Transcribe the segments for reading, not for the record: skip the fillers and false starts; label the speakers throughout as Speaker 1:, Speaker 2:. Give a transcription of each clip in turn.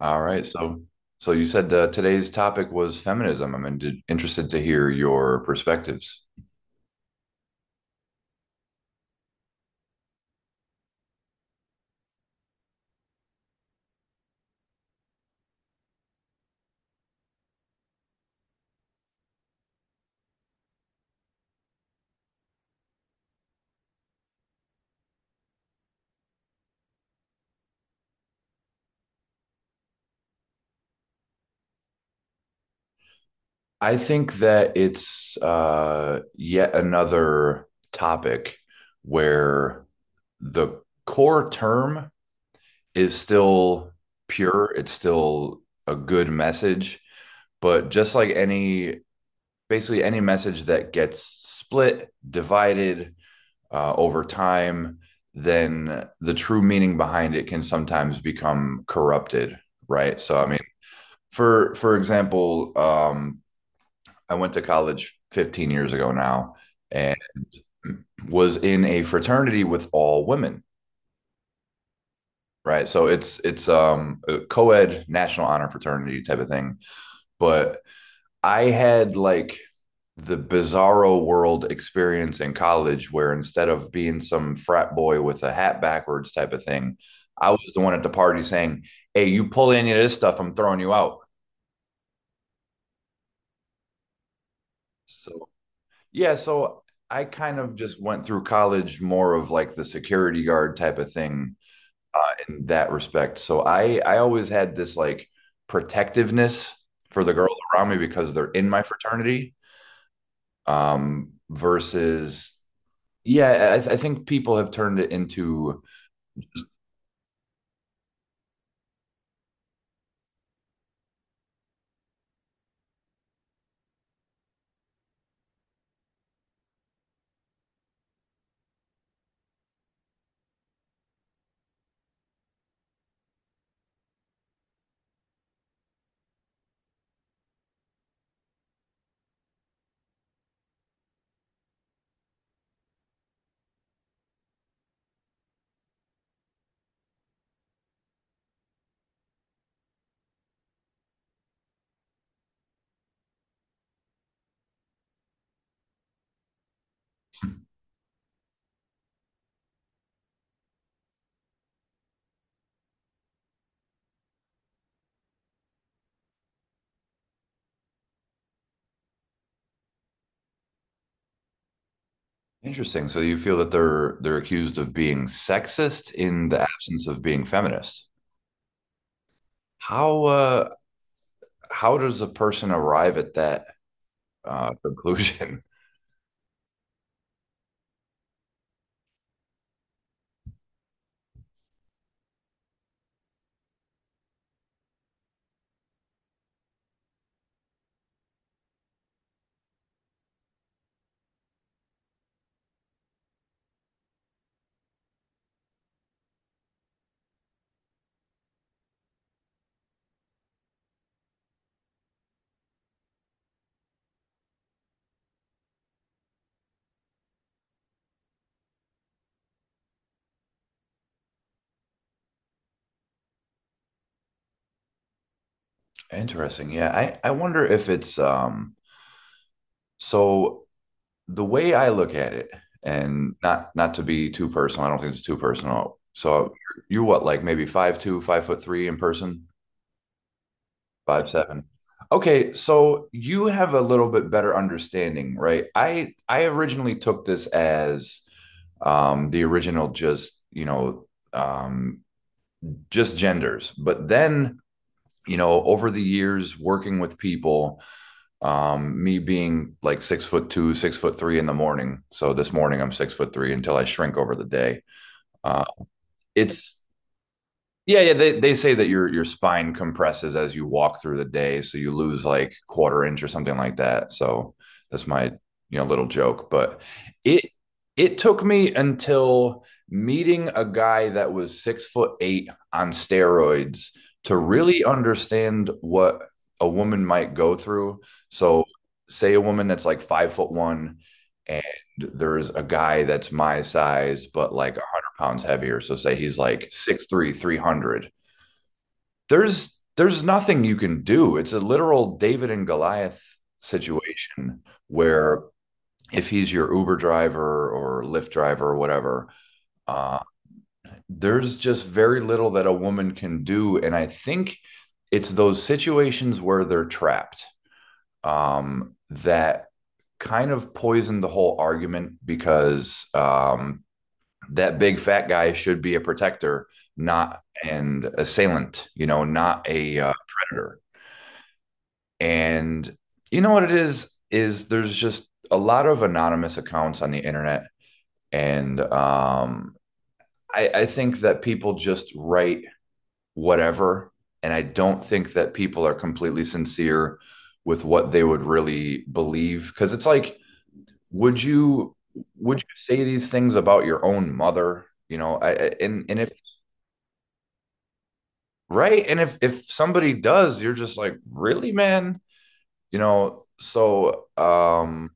Speaker 1: All right. So, so you said today's topic was feminism. I'm interested to hear your perspectives. I think that it's yet another topic where the core term is still pure. It's still a good message, but just like any, basically any message that gets split, divided, over time, then the true meaning behind it can sometimes become corrupted, right? So, I mean, for example, I went to college 15 years ago now, and was in a fraternity with all women, right? So it's a co-ed national honor fraternity type of thing, but I had like the bizarro world experience in college where instead of being some frat boy with a hat backwards type of thing, I was the one at the party saying, "Hey, you pull any of this stuff, I'm throwing you out." So, yeah, so I kind of just went through college more of like the security guard type of thing in that respect. So I always had this like protectiveness for the girls around me because they're in my fraternity versus. Yeah, I think people have turned it into interesting. So you feel that they're accused of being sexist in the absence of being feminist. How uh, how does a person arrive at that conclusion? Interesting. Yeah, I wonder if it's So the way I look at it, and not to be too personal, I don't think it's too personal. So you're what, like maybe 5'2", five foot three in person? 5'7". Okay, so you have a little bit better understanding, right? I originally took this as the original, just you know um, just genders, but then you know over the years working with people, me being like six foot two, six foot three in the morning. So this morning I'm six foot three until I shrink over the day. Uh, it's. Yeah, yeah. They say that your spine compresses as you walk through the day, so you lose like quarter inch or something like that. So that's my, you know, little joke. But it took me until meeting a guy that was six foot eight on steroids to really understand what a woman might go through. So say a woman that's like five foot one and there's a guy that's my size, but like pounds heavier. So say he's like 6'3", 300. There's nothing you can do. It's a literal David and Goliath situation where if he's your Uber driver or Lyft driver or whatever, uh, there's just very little that a woman can do. And I think it's those situations where they're trapped that kind of poisoned the whole argument because that big fat guy should be a protector, not an assailant, you know, not a predator. And you know what it is there's just a lot of anonymous accounts on the internet, and I think that people just write whatever, and I don't think that people are completely sincere with what they would really believe because it's like, would you would you say these things about your own mother? You know, and if, right, and if somebody does, you're just like, really, man? You know, so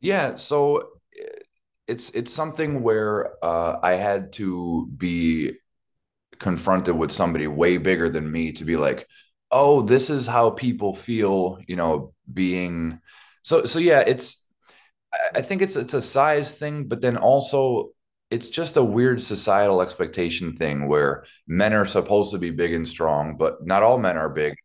Speaker 1: yeah. So eh, it's something where I had to be confronted with somebody way bigger than me to be like, oh, this is how people feel, you know, being so, so yeah. It's I think it's a size thing, but then also it's just a weird societal expectation thing where men are supposed to be big and strong, but not all men are big.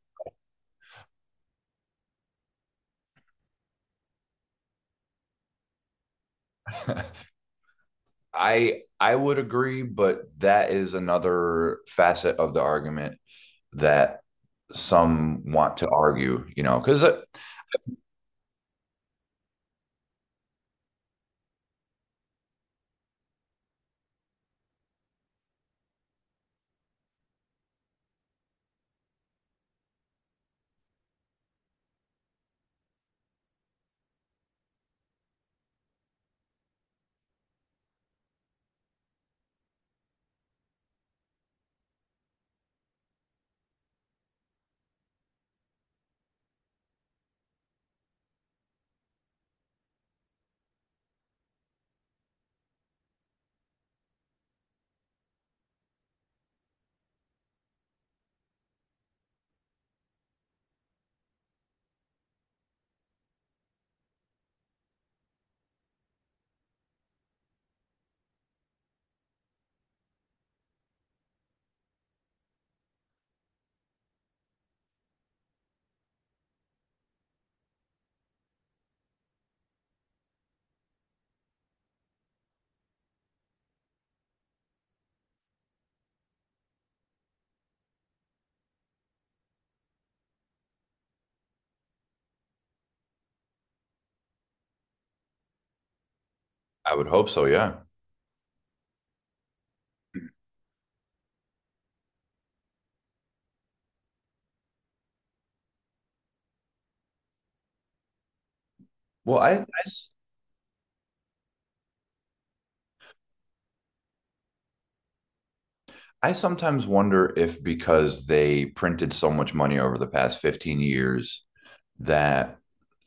Speaker 1: I would agree, but that is another facet of the argument that some want to argue, you know, because I would hope so, yeah. Well, I I sometimes wonder if because they printed so much money over the past 15 years that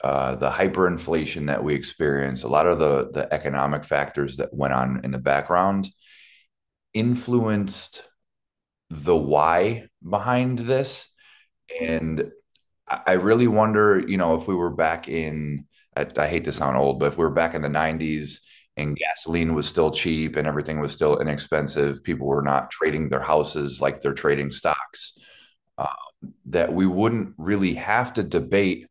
Speaker 1: the hyperinflation that we experienced, a lot of the economic factors that went on in the background influenced the why behind this, and I really wonder, you know, if we were back in, I hate to sound old, but if we were back in the 90s and gasoline was still cheap and everything was still inexpensive, people were not trading their houses like they're trading stocks, uh, that we wouldn't really have to debate,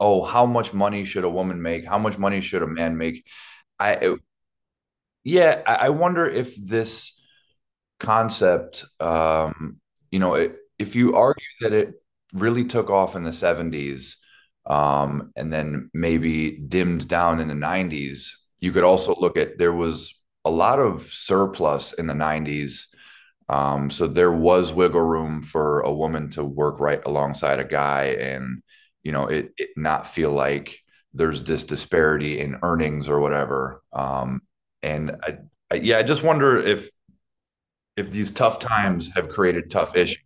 Speaker 1: oh, how much money should a woman make? How much money should a man make? I, yeah, I wonder if this concept, you know, if you argue that it really took off in the 70s and then maybe dimmed down in the 90s, you could also look at there was a lot of surplus in the 90s. So there was wiggle room for a woman to work right alongside a guy and, you know, it not feel like there's this disparity in earnings or whatever. And yeah, I just wonder if these tough times have created tough issues.